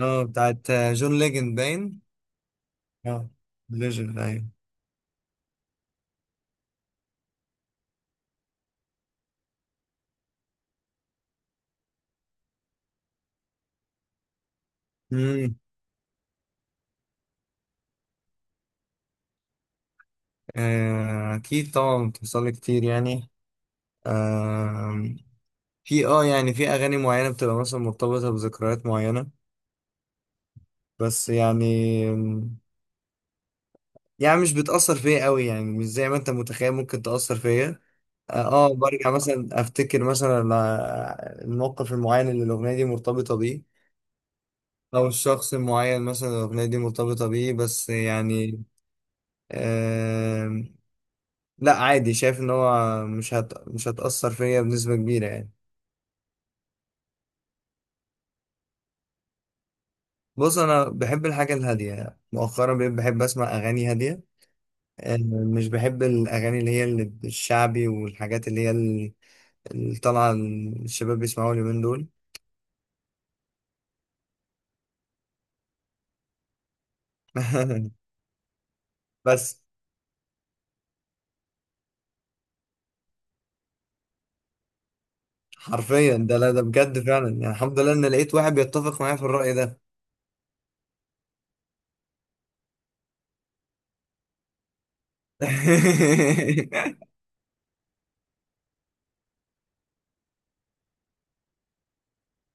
اه، بتاعت جون ليجند باين. اه، ليجند، ايوه. امم. اكيد طبعا بتحصل لي كتير يعني. آه، في اه يعني في اغاني معينه بتبقى مثلا مرتبطه بذكريات معينه. بس يعني مش بتاثر فيا قوي، يعني مش زي ما انت متخيل ممكن تاثر فيا. برجع مثلا افتكر مثلا الموقف المعين اللي الاغنيه دي مرتبطه بيه، او الشخص المعين مثلا الاغنيه دي مرتبطه بيه بس. يعني لا، عادي، شايف ان هو مش هتأثر فيا بنسبة كبيرة يعني. بص، انا بحب الحاجة الهادية يعني. مؤخرا بقيت بحب اسمع اغاني هادية. آه، مش بحب الاغاني اللي هي الشعبي والحاجات اللي هي اللي طالعة الشباب بيسمعوها اليومين دول. بس حرفيا ده، لا ده بجد فعلا يعني. الحمد لله ان لقيت واحد بيتفق معايا في الرأي ده.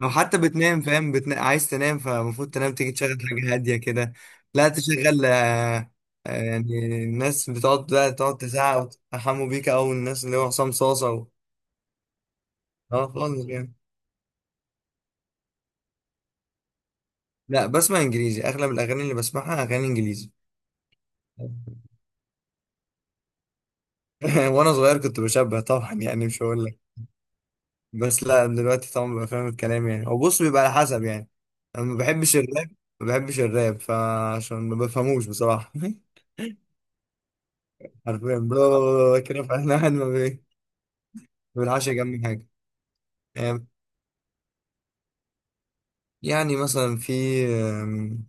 لو حتى بتنام فاهم، عايز تنام فالمفروض تنام، تيجي تشغل حاجة هادية كده. لا تشغل. يعني الناس بتقعد، لا، تقعد تزعق وتتحموا بيك، أو الناس اللي هو حسام صاصة و... اه خالص يعني. لا، بسمع إنجليزي، أغلب الأغاني اللي بسمعها أغاني إنجليزي. وأنا صغير كنت بشبه طبعا يعني، مش هقول لك. بس لا، دلوقتي طبعا ببقى فاهم الكلام يعني، هو بص بيبقى على حسب يعني. أنا ما بحبش الراب، ما بحبش الراب فعشان ما بفهموش بصراحة. حرفيا بلا كده فاحنا قاعد. ما بلعبش جنبي حاجة. آه، يعني مثلا في آم،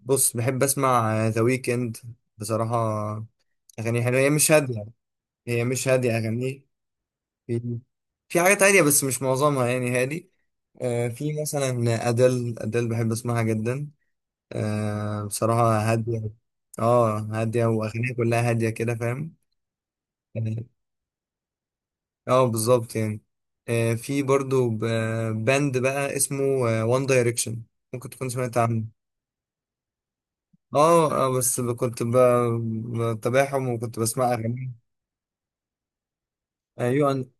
بص بحب أسمع ذا ويكند، بصراحة. أغانيه حلوة، هي مش هادية. هي مش هادية أغانيه. في في حاجات هادية بس مش معظمها يعني هادي. في مثلا أدل بحب أسمعها جدا. بصراحة هادية. اه، هادية، وأغانيها كلها هادية كده فاهم. اه بالظبط يعني. في برضو باند بقى اسمه وان دايركشن، ممكن تكون سمعت عنه. بس كنت بتابعهم وكنت بسمع اغانيهم. آه، يو ان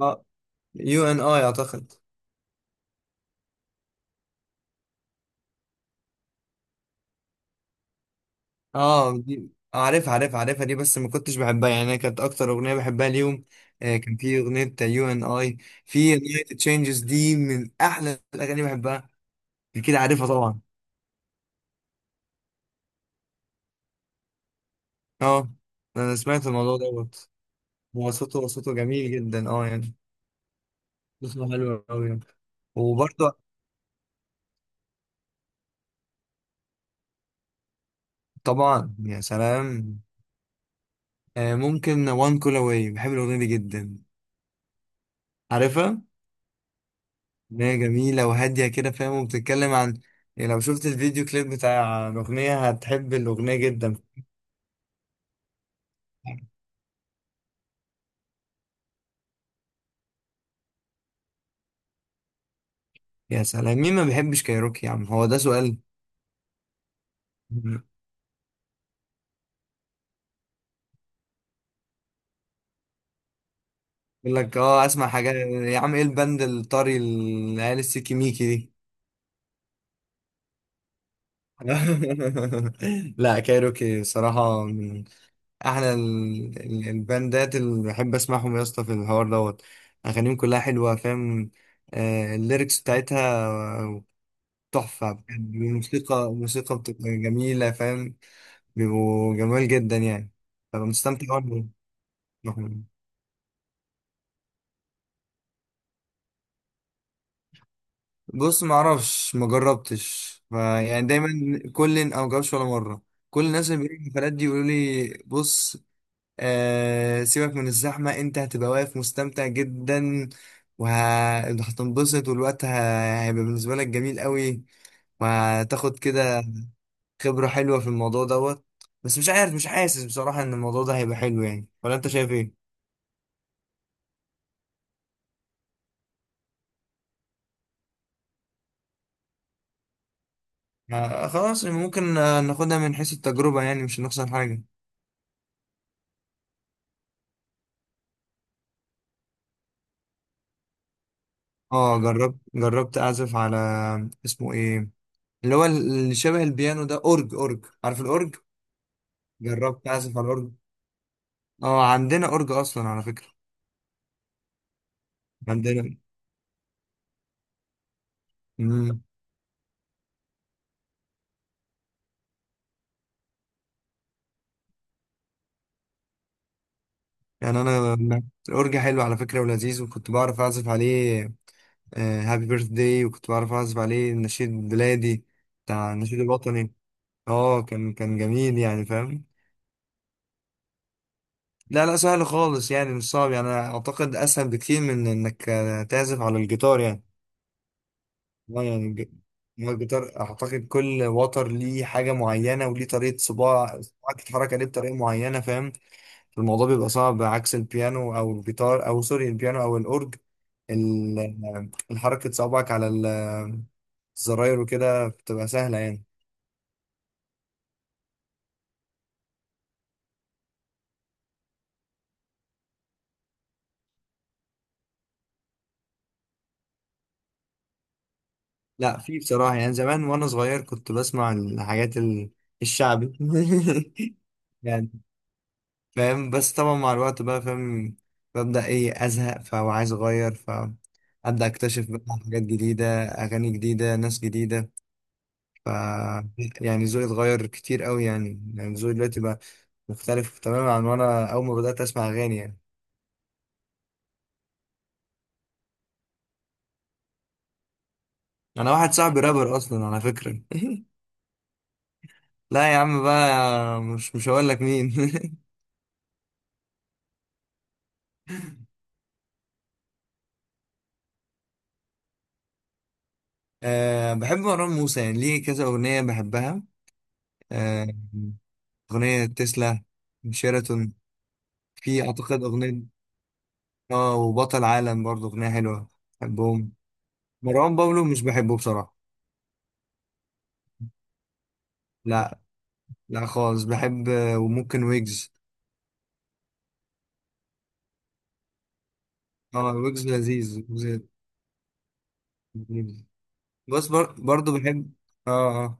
اه يو ان اي اعتقد. اه، دي عارفها عارفها عارفها دي، بس ما كنتش بحبها يعني. أنا كانت اكتر اغنيه بحبها ليهم كان في اغنيه يو ان اي. في اغنيه تشينجز دي من احلى الاغاني اللي بحبها. اكيد عارفها طبعا. اه، انا سمعت الموضوع دوت. هو صوته جميل جدا اه يعني. صوته حلو قوي يعني. وبرضه طبعا يا سلام. ممكن وان كول اواي، بحب الاغنيه دي جدا. عارفها؟ ان هي جميله وهاديه كده فاهم، وبتتكلم عن، يعني لو شفت الفيديو كليب بتاع الاغنيه هتحب الاغنيه جدا. يا سلام، مين ما بيحبش كايروكي يا عم؟ هو ده سؤال؟ يقول لك اه اسمع حاجه يا عم، ايه البند الطري العيال السيكي ميكي دي؟ لا، كايروكي صراحه احلى الباندات اللي بحب اسمعهم يا اسطى في الحوار دوت. اغانيهم كلها حلوه فاهم. الليركس بتاعتها تحفه بجد. الموسيقى بتبقى جميله فاهم. بيبقوا جمال جدا يعني. ببقى مستمتع وانا بسمعهم. بص، ما اعرفش، ما جربتش، فيعني دايما كل او جربش ولا مره. كل الناس اللي بيروحوا الحفلات دي يقولوا لي بص، آه سيبك من الزحمة، انت هتبقى واقف مستمتع جدا، وهتنبسط، والوقت هيبقى بالنسبة لك جميل قوي، وهتاخد كده خبرة حلوة في الموضوع دوت. بس مش عارف، مش حاسس بصراحة ان الموضوع ده هيبقى حلو يعني، ولا انت شايف ايه؟ آه خلاص، ممكن ناخدها من حيث التجربة يعني، مش هنخسر حاجة. اه جربت اعزف على، اسمه ايه، اللي هو اللي شبه البيانو ده، اورج، اورج، عارف الاورج؟ جربت اعزف على الاورج. اه عندنا اورج اصلا على فكرة. عندنا. امم. يعني انا أنا- الاورج حلو على فكره ولذيذ، وكنت بعرف اعزف عليه هابي بيرث داي، وكنت بعرف اعزف عليه النشيد البلادي، بتاع النشيد الوطني. اه، كان كان جميل يعني فاهم. لا لا، سهل خالص يعني مش صعب، يعني انا اعتقد اسهل بكتير من انك تعزف على الجيتار يعني. اه يعني هو الجيتار اعتقد كل وتر ليه حاجه معينه، وليه طريقه صباع صباعك تتحرك عليه بطريقه معينه فاهم. الموضوع بيبقى صعب عكس البيانو او الجيتار او سوري البيانو او الاورج. الحركة صوابعك على الزراير وكده بتبقى سهلة يعني. لا، في بصراحة، يعني زمان وأنا صغير كنت بسمع الحاجات الشعبي. يعني فاهم، بس طبعا مع الوقت بقى فاهم ببدأ إيه أزهق فهو عايز أغير، فأبدأ أكتشف بقى حاجات جديدة، أغاني جديدة، ناس جديدة. ف يعني ذوقي اتغير كتير أوي يعني، يعني ذوقي دلوقتي بقى مختلف تماما عن وأنا أول ما بدأت أسمع أغاني يعني. أنا واحد صاحبي رابر أصلا على فكرة. لا يا عم بقى، مش هقول لك مين. أه بحب مروان موسى، يعني ليه كذا أغنية بحبها. أه، أغنية تسلا، شيراتون، في أعتقد أغنية، اه، وبطل عالم برضه أغنية حلوة. بحبهم. مروان بابلو مش بحبه بصراحة. لا، لا خالص، بحب وممكن ويجز. اه ويجز لذيذ، ويجز لذيذ. بس برضه بحب. اه اه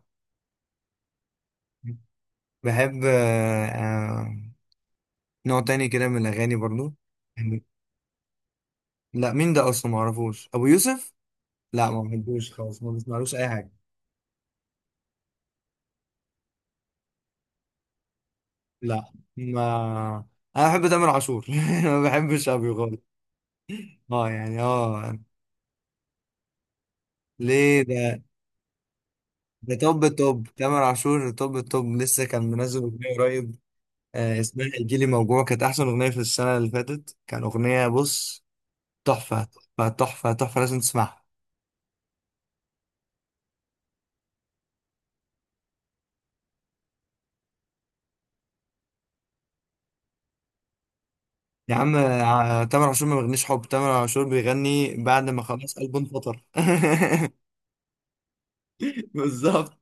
بحب نوع تاني كده من الأغاني برضه. لا مين ده اصلا، ما اعرفوش ابو يوسف. لا ما بحبوش خالص، ما بسمعلوش اي حاجه. لا ما، انا بحب تامر عاشور. ما بحبش ابي خالص. اه يعني اه. ليه ده؟ ده توب توب تامر عاشور، توب توب، لسه كان منزل اغنيه قريب. اسمها الجيلي موجوع، كانت احسن اغنيه في السنه اللي فاتت، كان اغنيه بص، تحفه تحفه تحفه تحفه، لازم تسمعها. يا عم تامر عاشور ما بيغنيش حب، تامر عاشور بيغني بعد ما خلاص قلبه انفطر. بالظبط.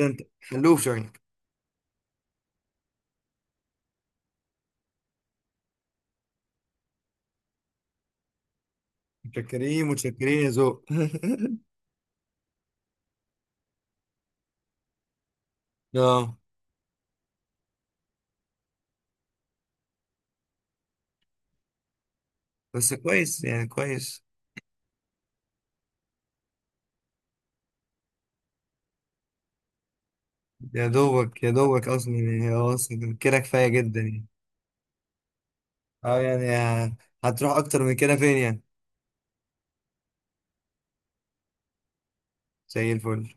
انت خلوه في عينك. متشكرين متشكرين يا ذوق. اه بس كويس يعني كويس. يا دوبك يا دوبك اصلا، يعني هو اصلا كده كفايه جدا يعني. اه يعني هتروح اكتر من كده فين يعني؟ زي الفل.